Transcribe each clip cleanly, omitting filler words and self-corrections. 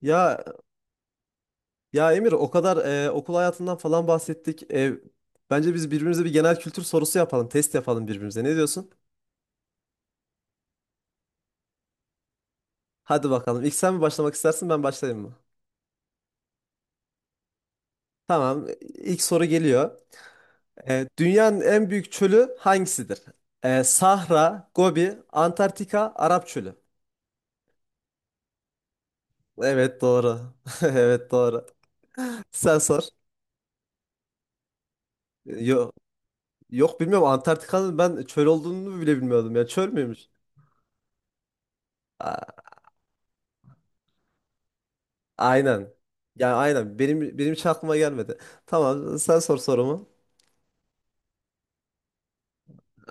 Ya ya Emir o kadar okul hayatından falan bahsettik. Bence biz birbirimize bir genel kültür sorusu yapalım, test yapalım birbirimize. Ne diyorsun? Hadi bakalım. İlk sen mi başlamak istersin, ben başlayayım mı? Tamam. İlk soru geliyor. Dünyanın en büyük çölü hangisidir? Sahra, Gobi, Antarktika, Arap Çölü. Evet, doğru. Evet, doğru. Sen sor. Yok, yok, bilmiyorum, Antarktika'nın ben çöl olduğunu bile bilmiyordum ya. Çöl müymüş? Aynen. Yani aynen. Benim hiç aklıma gelmedi. Tamam, sen sor sorumu.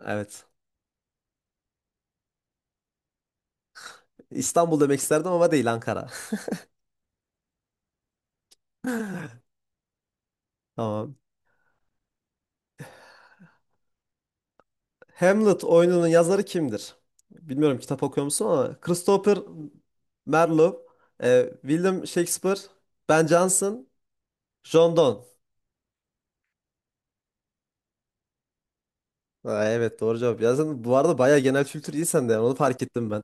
Evet. İstanbul demek isterdim ama değil, Ankara. Tamam. Hamlet oyununun yazarı kimdir? Bilmiyorum kitap okuyor musun, ama Christopher Marlowe, William Shakespeare, Ben Jonson, John Donne. Ha, evet, doğru cevap. Ya sen bu arada bayağı genel kültür iyi sende yani, onu fark ettim ben.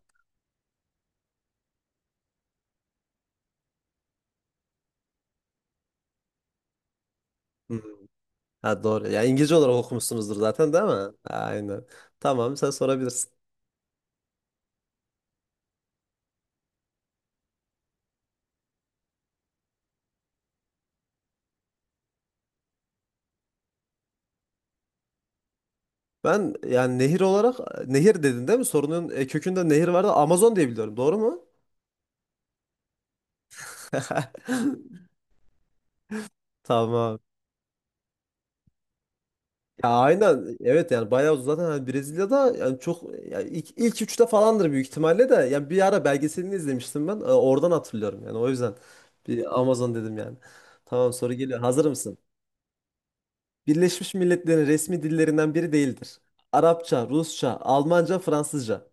Hı. Ha, doğru. Ya İngilizce olarak okumuşsunuzdur zaten değil mi? Aynen. Tamam, sen sorabilirsin. Ben yani nehir olarak nehir dedin değil mi? Sorunun kökünde nehir vardı. Amazon diye biliyorum. Doğru mu? Tamam. Ya aynen. Evet yani bayağı zaten hani Brezilya'da yani çok, yani ilk üçte falandır büyük ihtimalle de. Yani bir ara belgeselini izlemiştim ben. Oradan hatırlıyorum yani, o yüzden. Bir Amazon dedim yani. Tamam, soru geliyor. Hazır mısın? Birleşmiş Milletler'in resmi dillerinden biri değildir. Arapça, Rusça, Almanca, Fransızca.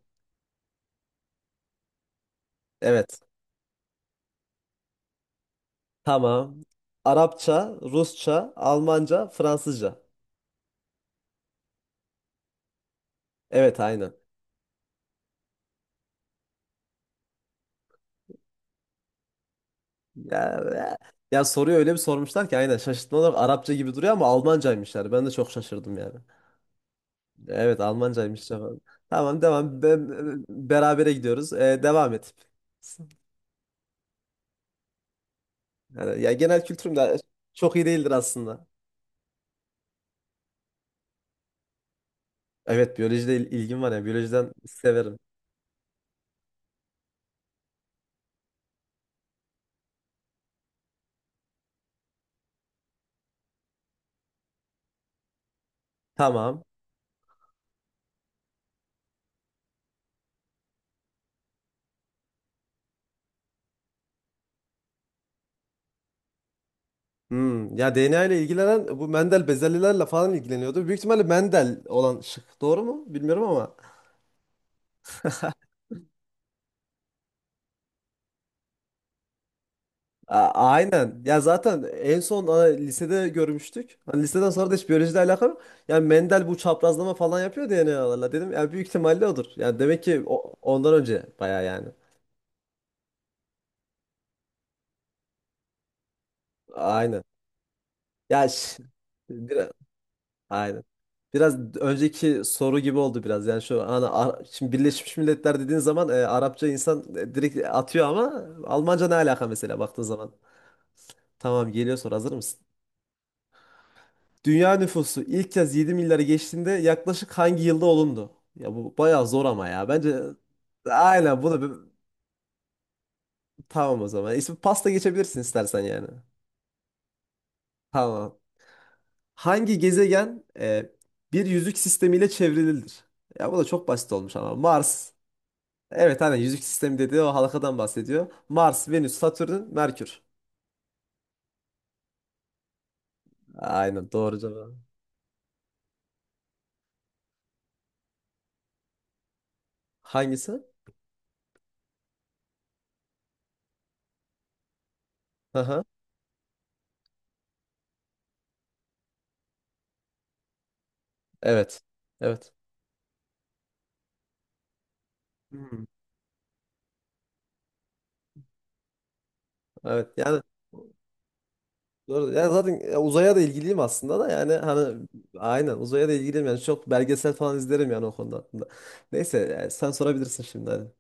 Evet. Tamam. Arapça, Rusça, Almanca, Fransızca. Evet, aynen. Ya, ya soruyu öyle bir sormuşlar ki aynen, şaşırtma olarak Arapça gibi duruyor ama Almancaymışlar. Ben de çok şaşırdım yani. Evet, Almancaymış cevabı. Tamam, devam. Ben, berabere gidiyoruz. Devam et. Yani, ya genel kültürüm de çok iyi değildir aslında. Evet, biyolojide ilgim var, ya biyolojiden severim. Tamam. Ya DNA ile ilgilenen bu Mendel bezelyelerle falan ilgileniyordu. Büyük ihtimalle Mendel olan şık. Doğru mu? Bilmiyorum ama. Aynen. Ya zaten en son lisede görmüştük. Hani liseden sonra da hiç biyolojiyle alakalı yok. Yani Mendel bu çaprazlama falan yapıyor DNA'larla dedim. Yani büyük ihtimalle odur. Yani demek ki ondan önce baya yani. Aynen. Ya ş- Aynen. Biraz önceki soru gibi oldu biraz. Yani şu an şimdi Birleşmiş Milletler dediğin zaman Arapça insan direkt atıyor ama Almanca ne alaka mesela baktığın zaman. Tamam, geliyor soru, hazır mısın? Dünya nüfusu ilk kez 7 milyarı geçtiğinde yaklaşık hangi yılda olundu? Ya bu bayağı zor ama ya. Bence aynen bunu tamam, o zaman. İsmi pasta geçebilirsin istersen yani. Tamam. Hangi gezegen bir yüzük sistemiyle çevrilidir? Ya bu da çok basit olmuş ama Mars. Evet, aynen, yüzük sistemi dediği o halkadan bahsediyor. Mars, Venüs, Satürn, Merkür. Aynen, doğru cevap. Hangisi? Aha. Evet. Evet. Hmm. Evet. Yani doğru. Yani zaten uzaya da ilgiliyim aslında da yani hani, aynen uzaya da ilgiliyim yani çok belgesel falan izlerim yani o konuda aslında. Neyse yani sen sorabilirsin şimdi hadi.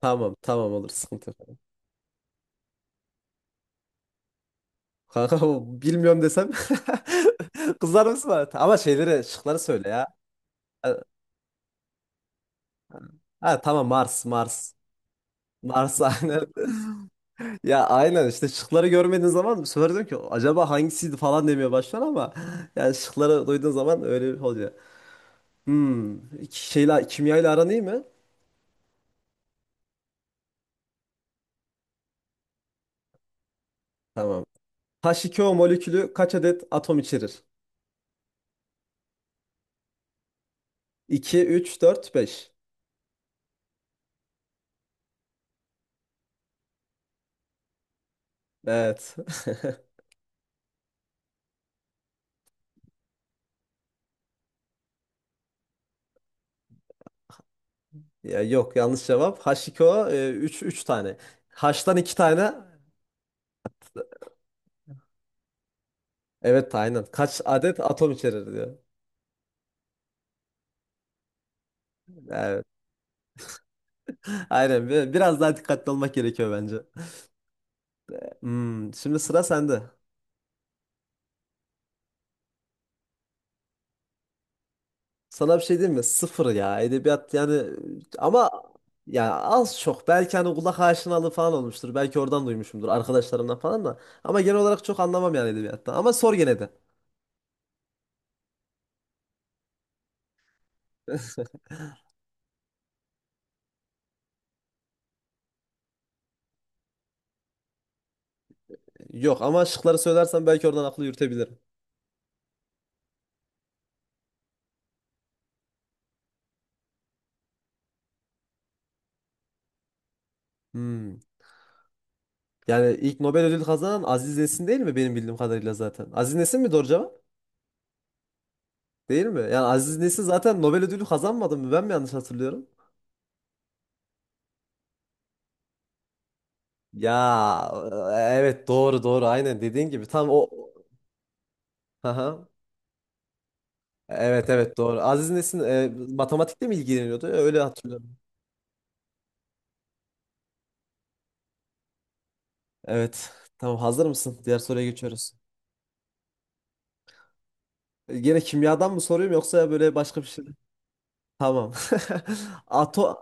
Tamam, tamam, olur, sıkıntı yok. Kanka, bu bilmiyorum desem kızar mısın bana? Ama şeyleri, şıkları söyle ya. Ha, ha, tamam, Mars, Mars. Mars, aynen. Ya aynen işte, şıkları görmediğin zaman bu sefer diyorum ki acaba hangisiydi falan demeye başlar ama yani şıkları duyduğun zaman öyle bir oluyor. Kimyayla aran iyi mi? Tamam. H2O molekülü kaç adet atom içerir? 2, üç, dört, beş. Evet. Ya yok, yanlış cevap. H2O 3, 3 tane. H'tan 2 tane. Evet, aynen. Kaç adet atom içerir diyor. Evet. Aynen. Biraz daha dikkatli olmak gerekiyor bence. Şimdi sıra sende. Sana bir şey diyeyim mi? Sıfır ya. Edebiyat yani ama ya az çok belki hani kulak aşinalığı falan olmuştur. Belki oradan duymuşumdur arkadaşlarımdan falan da. Ama genel olarak çok anlamam yani edebiyattan. Ama sor gene de. Yok, ama şıkları söylersen belki oradan aklı yürütebilirim. Hmm. Yani ilk Nobel ödülü kazanan Aziz Nesin değil mi benim bildiğim kadarıyla zaten? Aziz Nesin mi doğru cevap? Değil mi? Yani Aziz Nesin zaten Nobel ödülü kazanmadı mı? Ben mi yanlış hatırlıyorum? Ya evet, doğru, doğru, aynen dediğin gibi tam o. Aha. Evet, evet, doğru. Aziz Nesin matematikle mi ilgileniyordu? Öyle hatırlıyorum. Evet. Tamam, hazır mısın? Diğer soruya geçiyoruz. Gene kimyadan mı soruyorum yoksa böyle başka bir şey? Tamam. Ato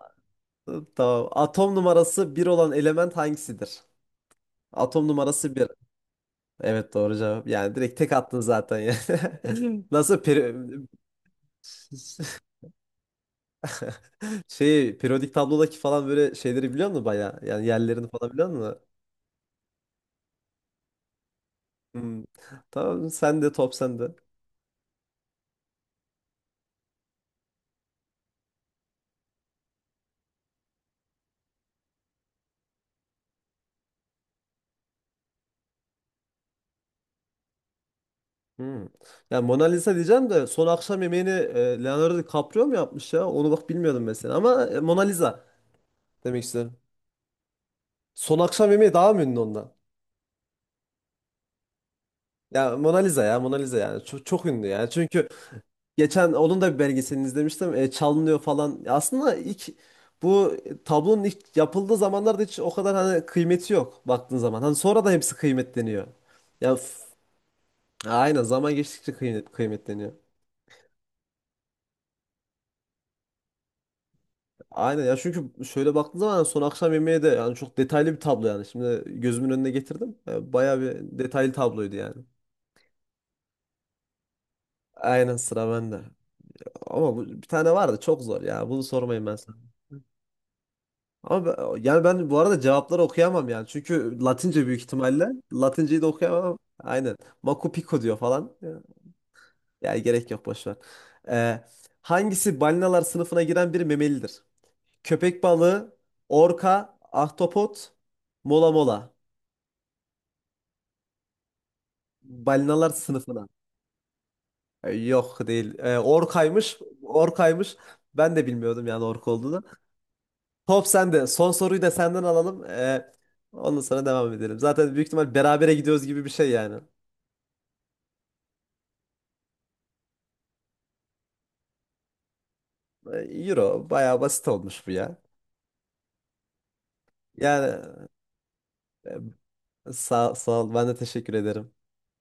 tamam. Atom numarası bir olan element hangisidir? Atom numarası bir. Evet, doğru cevap. Yani direkt tek attın zaten ya. Nasıl periyodik tablodaki falan böyle şeyleri biliyor musun baya? Yani yerlerini falan biliyor musun? Hmm. Tamam, sen de, top sende. Hmm. Ya Mona Lisa diyeceğim de son akşam yemeğini Leonardo DiCaprio mu yapmış ya? Onu bak bilmiyordum mesela ama Mona Lisa demek istedim. Son akşam yemeği daha mı ünlü ondan? Ya Mona Lisa, ya Mona Lisa, yani çok, çok ünlü yani. Çünkü geçen onun da bir belgeselini izlemiştim. Çalınıyor falan. Ya aslında ilk bu tablonun ilk yapıldığı zamanlarda hiç o kadar hani kıymeti yok baktığın zaman. Hani sonra da hepsi kıymetleniyor. Ya f- aynen, zaman geçtikçe kıymetleniyor. Aynen ya, çünkü şöyle baktığın zaman son akşam yemeği de yani çok detaylı bir tablo yani. Şimdi gözümün önüne getirdim. Bayağı bir detaylı tabloydu yani. Aynen, sıra bende. Ama bu, bir tane vardı çok zor ya. Bunu sormayın ben sana. Ama yani ben bu arada cevapları okuyamam yani. Çünkü Latince büyük ihtimalle. Latinceyi de okuyamam. Aynen. Machu Picchu diyor falan. Ya gerek yok, boş ver. E, Hangisi balinalar sınıfına giren bir memelidir? Köpek balığı, orka, ahtapot, mola mola. Balinalar sınıfına. Yok, değil. Orkaymış. Orkaymış. Ben de bilmiyordum yani ork olduğunu. Top sende. Son soruyu da senden alalım. Ondan sonra devam edelim. Zaten büyük ihtimal berabere gidiyoruz gibi bir şey yani. E, Euro bayağı basit olmuş bu ya. Yani e, sağ ol. Ben de teşekkür ederim.